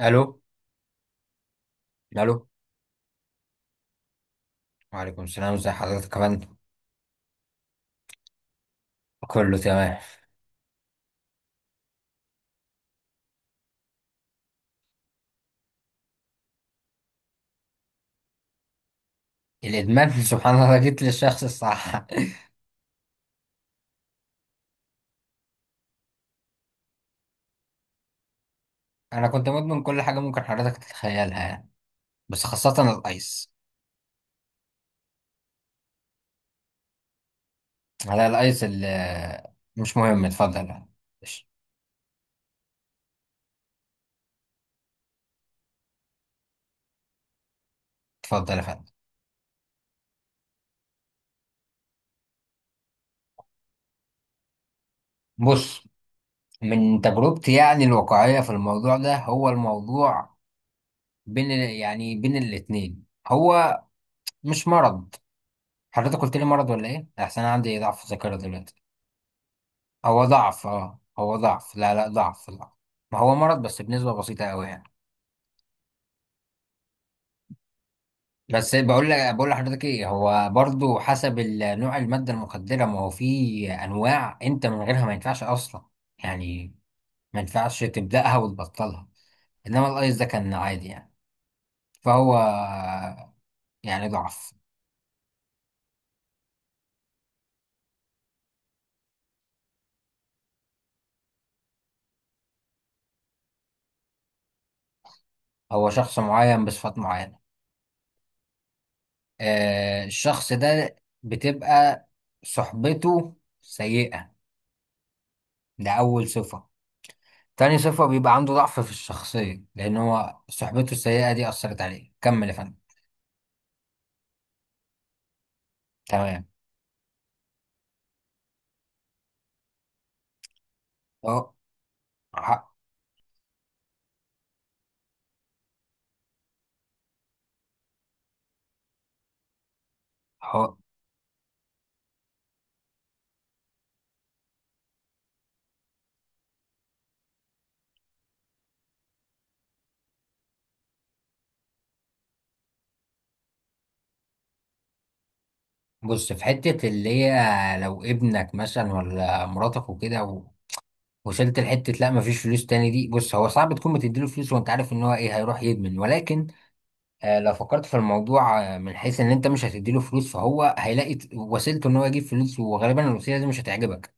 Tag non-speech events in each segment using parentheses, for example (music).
الو الو. وعليكم السلام، ازي حضرتك كمان؟ كله تمام. الادمان (laughs) سبحان الله، جيت للشخص الصح. انا كنت مدمن كل حاجه ممكن حضرتك تتخيلها يعني، بس خاصه الايس. على الايس اللي مش مهم، اتفضل يعني. ماشي. اتفضل يا فندم. بص، من تجربتي يعني الواقعيه في الموضوع ده، هو الموضوع بين ال- يعني بين الاتنين هو مش مرض. حضرتك قلت لي مرض ولا ايه؟ احسن أنا عندي ضعف ذاكره دلوقتي. هو ضعف، اه هو ضعف، لا لا، ضعف. ما هو مرض بس بنسبة بسيطة قوي يعني. بس بقول لك، بقول لحضرتك ايه، هو برضو حسب نوع المادة المخدرة، ما هو في انواع انت من غيرها ما ينفعش اصلا يعني، ما ينفعش تبدأها وتبطلها. انما الايس ده كان عادي يعني، فهو يعني ضعف. هو شخص معين بصفات معينة. آه الشخص ده بتبقى صحبته سيئة، ده أول صفة. تاني صفة بيبقى عنده ضعف في الشخصية، لأن هو صحبته السيئة دي أثرت عليه. كمل يا فندم. تمام. أهو ح- أهو. بص، في حتة اللي هي لو ابنك مثلا ولا مراتك وكده وصلت لحتة لا مفيش فلوس تاني، دي بص، هو صعب تكون بتديله فلوس وأنت عارف إن هو إيه، هيروح يدمن. ولكن آه لو فكرت في الموضوع آه من حيث إن أنت مش هتديله فلوس، فهو هيلاقي وسيلته إن هو يجيب فلوس، وغالبا الوسيلة دي مش هتعجبك.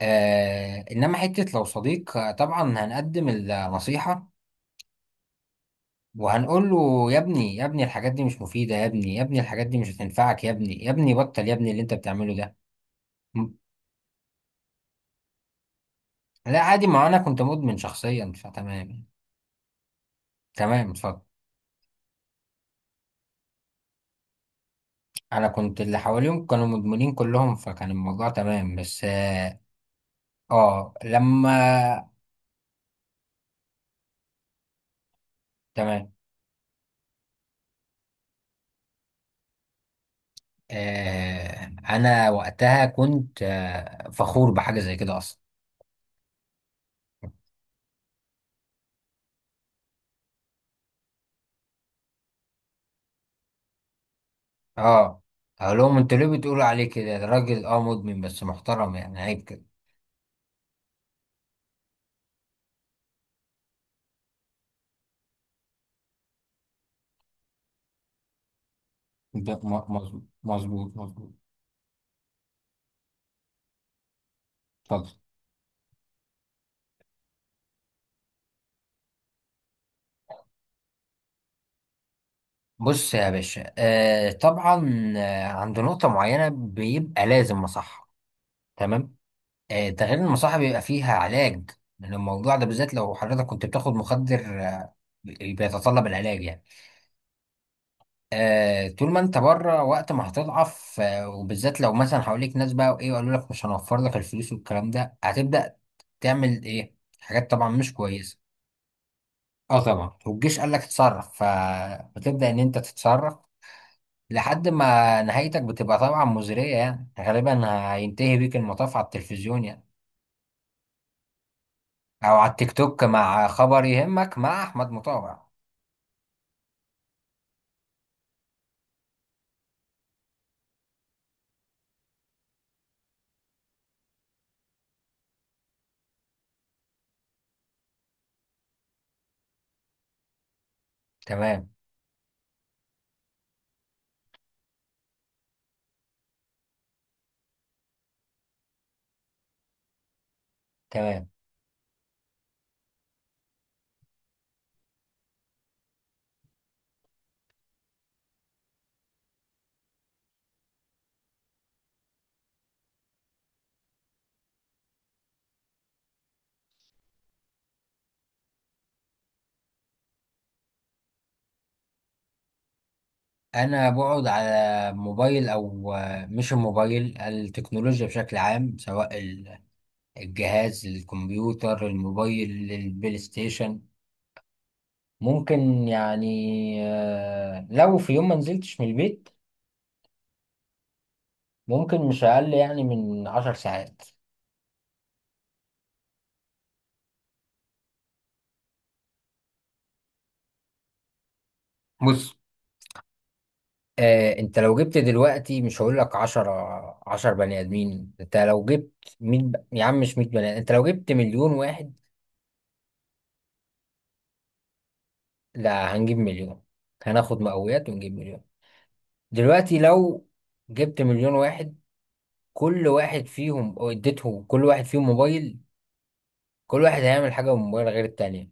آه إنما حتة لو صديق طبعا هنقدم النصيحة، وهنقول له يا ابني يا ابني الحاجات دي مش مفيدة، يا ابني يا ابني الحاجات دي مش هتنفعك، يا ابني يا ابني بطل يا ابني اللي انت بتعمله ده. م- لا عادي، ما انا كنت مدمن شخصيا فتمام. تمام اتفضل. انا كنت اللي حواليهم كانوا مدمنين كلهم، فكان الموضوع تمام، بس اه لما. تمام. آه انا وقتها كنت آه فخور بحاجة زي كده اصلا. اه اقول لهم انتوا ليه بتقولوا عليه كده؟ ده راجل اه مدمن بس محترم، يعني عيب كده. مظبوط مظبوط مظبوط. اتفضل. بص يا باشا آه طبعا عند نقطة معينة بيبقى لازم مصحة. تمام. آه ده غير إن المصحة بيبقى فيها علاج من الموضوع ده بالذات. لو حضرتك كنت بتاخد مخدر آه بيتطلب العلاج يعني. آه طول ما انت بره، وقت ما هتضعف آه، وبالذات لو مثلا حواليك ناس بقى وايه وقالوا لك مش هنوفر لك الفلوس والكلام ده، هتبدأ تعمل ايه؟ حاجات طبعا مش كويسة. اه طبعا، والجيش قال لك اتصرف، فبتبدأ ان انت تتصرف لحد ما نهايتك بتبقى طبعا مزرية يعني غالبا. هينتهي بيك المطاف على التلفزيون يعني، أو على التيك توك مع خبر يهمك مع أحمد مطاوع. تمام. تمام. أنا بقعد على موبايل أو مش الموبايل، التكنولوجيا بشكل عام، سواء الجهاز، الكمبيوتر، الموبايل، البلاي ستيشن. ممكن يعني لو في يوم ما نزلتش من البيت، ممكن مش أقل يعني من عشر ساعات. بص آه انت لو جبت دلوقتي، مش هقول لك 10، 10 بني ادمين، انت لو جبت يا عم مش 100 بني آدم، انت لو جبت مليون واحد. لا هنجيب مليون، هناخد مقاويات ونجيب مليون. دلوقتي لو جبت مليون واحد، كل واحد فيهم أو اديته كل واحد فيهم موبايل، كل واحد هيعمل حاجة بالموبايل غير التانية.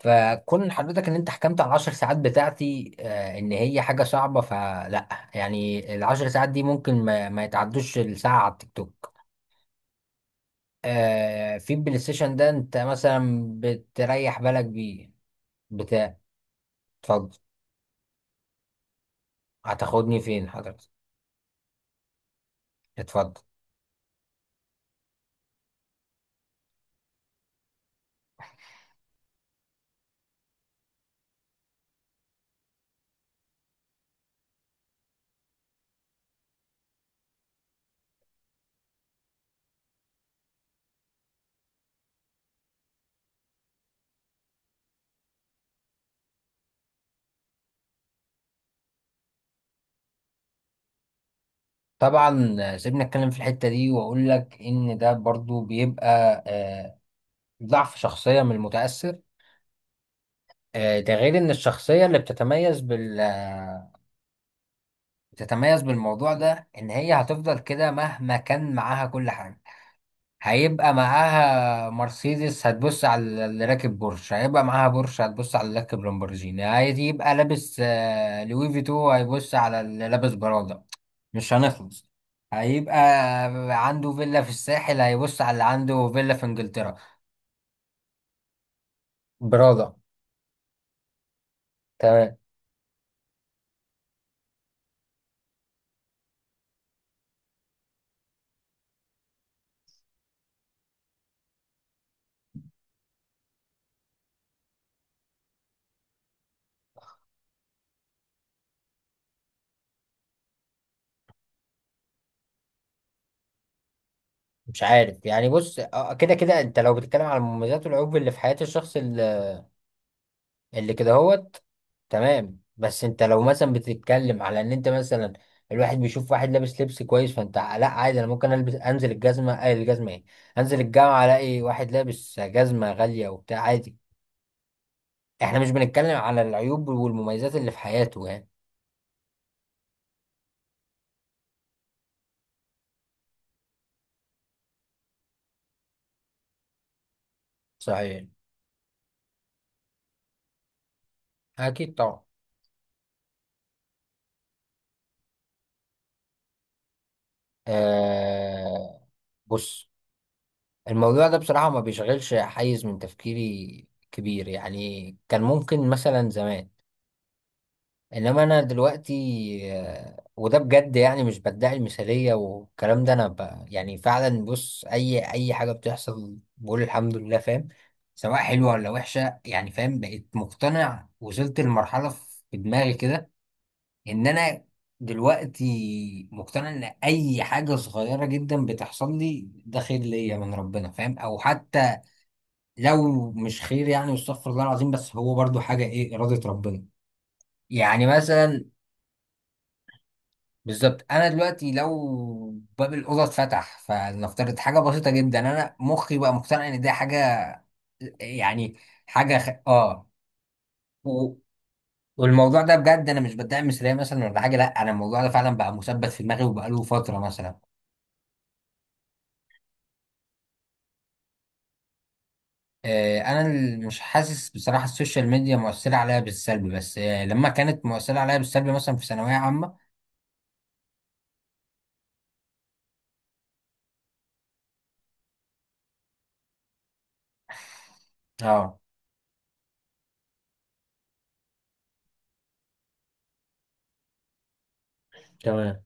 فكون حضرتك ان انت حكمت على العشر ساعات بتاعتي آه ان هي حاجة صعبة، فلا. يعني العشر ساعات دي ممكن ما يتعدوش الساعة على التيك توك. آه في البلاي ستيشن ده انت مثلا بتريح بالك بيه. بتاع اتفضل، هتاخدني فين حضرتك؟ اتفضل. طبعا سيبني اتكلم في الحتة دي، واقول لك ان ده برضو بيبقى آه ضعف شخصية من المتأثر. آه ده غير ان الشخصية اللي بتتميز بالموضوع ده، ان هي هتفضل كده مهما كان معاها كل حاجة. هيبقى معاها مرسيدس هتبص على اللي راكب بورش، هيبقى معاها بورش هتبص على اللي راكب لامبورجيني، هيبقى لابس لوي فيتو هيبص على اللي لابس برادا، مش هنخلص. هيبقى عنده فيلا في الساحل هيبص على اللي عنده فيلا في انجلترا. برادا. تمام. مش عارف يعني، بص كده كده انت لو بتتكلم على المميزات والعيوب اللي في حياة الشخص اللي كده هوت، تمام. بس انت لو مثلا بتتكلم على ان انت مثلا الواحد بيشوف واحد لابس لبس كويس، فانت لا عادي، انا ممكن البس انزل الجزمه آه الجزمه ايه، انزل الجامعه الاقي واحد لابس جزمه غاليه وبتاع عادي. احنا مش بنتكلم على العيوب والمميزات اللي في حياته يعني. صحيح. اكيد طبعا. آه بص، الموضوع ده بصراحه ما بيشغلش حيز من تفكيري كبير يعني، كان ممكن مثلا زمان، انما انا دلوقتي وده بجد يعني، مش بدعي المثاليه والكلام ده، يعني فعلا بص، اي حاجه بتحصل بقول الحمد لله، فاهم؟ سواء حلوه ولا وحشه يعني، فاهم؟ بقيت مقتنع، وصلت لمرحله في دماغي كده ان انا دلوقتي مقتنع ان اي حاجه صغيره جدا بتحصل لي ده خير ليا من ربنا، فاهم؟ او حتى لو مش خير يعني، واستغفر الله العظيم، بس هو برضو حاجه ايه، اراده ربنا. يعني مثلا بالظبط، انا دلوقتي لو باب الاوضه اتفتح، فلنفترض حاجه بسيطه جدا، انا مخي بقى مقتنع ان دي حاجه يعني حاجه خ... اه و... والموضوع ده بجد انا مش بدعم مثاليه مثلا ولا حاجه، لا انا الموضوع ده فعلا بقى مثبت في دماغي وبقاله فتره مثلا. آه انا مش حاسس بصراحه السوشيال ميديا مؤثره عليا بالسلب، بس آه لما كانت مؤثره عليا بالسلب مثلا في ثانويه عامه. اه تمام.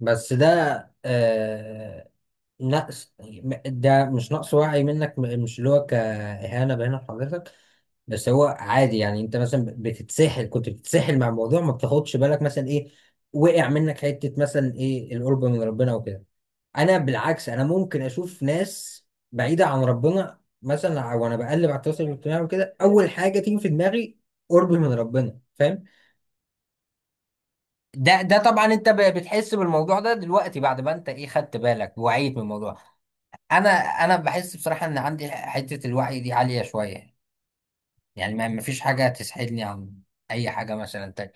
بس ده آه لا ده مش نقص وعي منك، مش اللي هو كإهانة بين حضرتك، بس هو عادي يعني. انت مثلا بتتسحل، كنت بتتسحل مع الموضوع ما بتاخدش بالك مثلا ايه، وقع منك حتة مثلا ايه، القرب من ربنا وكده. انا بالعكس، انا ممكن اشوف ناس بعيدة عن ربنا مثلا، وانا بقلب على التواصل الاجتماعي وكده، اول حاجة تيجي في دماغي قرب من ربنا، فاهم؟ ده طبعا انت بتحس بالموضوع ده دلوقتي بعد ما انت ايه، خدت بالك، وعيت من الموضوع. انا انا بحس بصراحه ان عندي حته الوعي دي عاليه شويه، يعني ما فيش حاجه تسحلني عن اي حاجه مثلا تاني.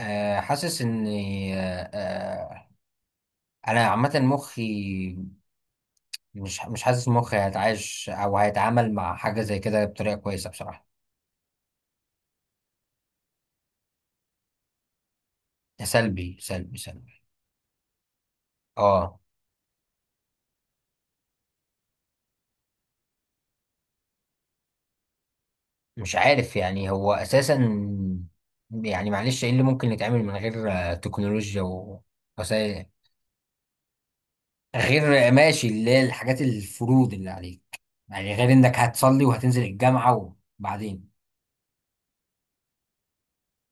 أه حاسس ان أه آه، انا عامه مخي مش حاسس مخي هيتعايش او هيتعامل مع حاجه زي كده بطريقه كويسه بصراحه. ده سلبي سلبي سلبي. اه مش عارف يعني، هو اساسا يعني معلش ايه اللي ممكن يتعمل من غير تكنولوجيا ووسائل، غير ماشي اللي هي الحاجات الفروض اللي عليك، يعني غير انك هتصلي وهتنزل الجامعة؟ وبعدين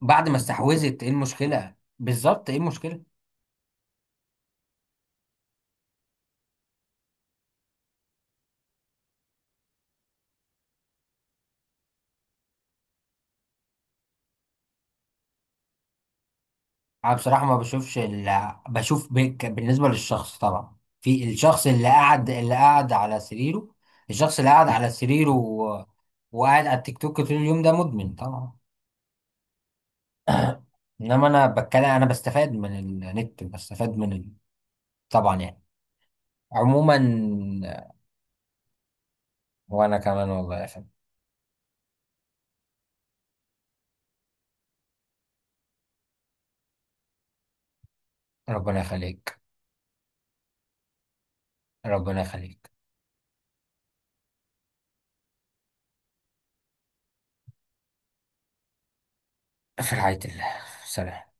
بعد ما استحوذت، ايه المشكلة بالظبط، ايه المشكلة؟ انا بصراحة ما بشوفش اللي بشوف بك بالنسبة للشخص، طبعا في الشخص اللي قاعد على سريره، الشخص اللي قاعد على سريره وقاعد على التيك توك طول اليوم، ده مدمن طبعا. انما انا بتكلم، انا بستفاد من النت، بستفاد من طبعا يعني. عموما، وانا كمان والله يا فندم. ربنا يخليك. ربنا يخليك. في رعاية الله. سلام.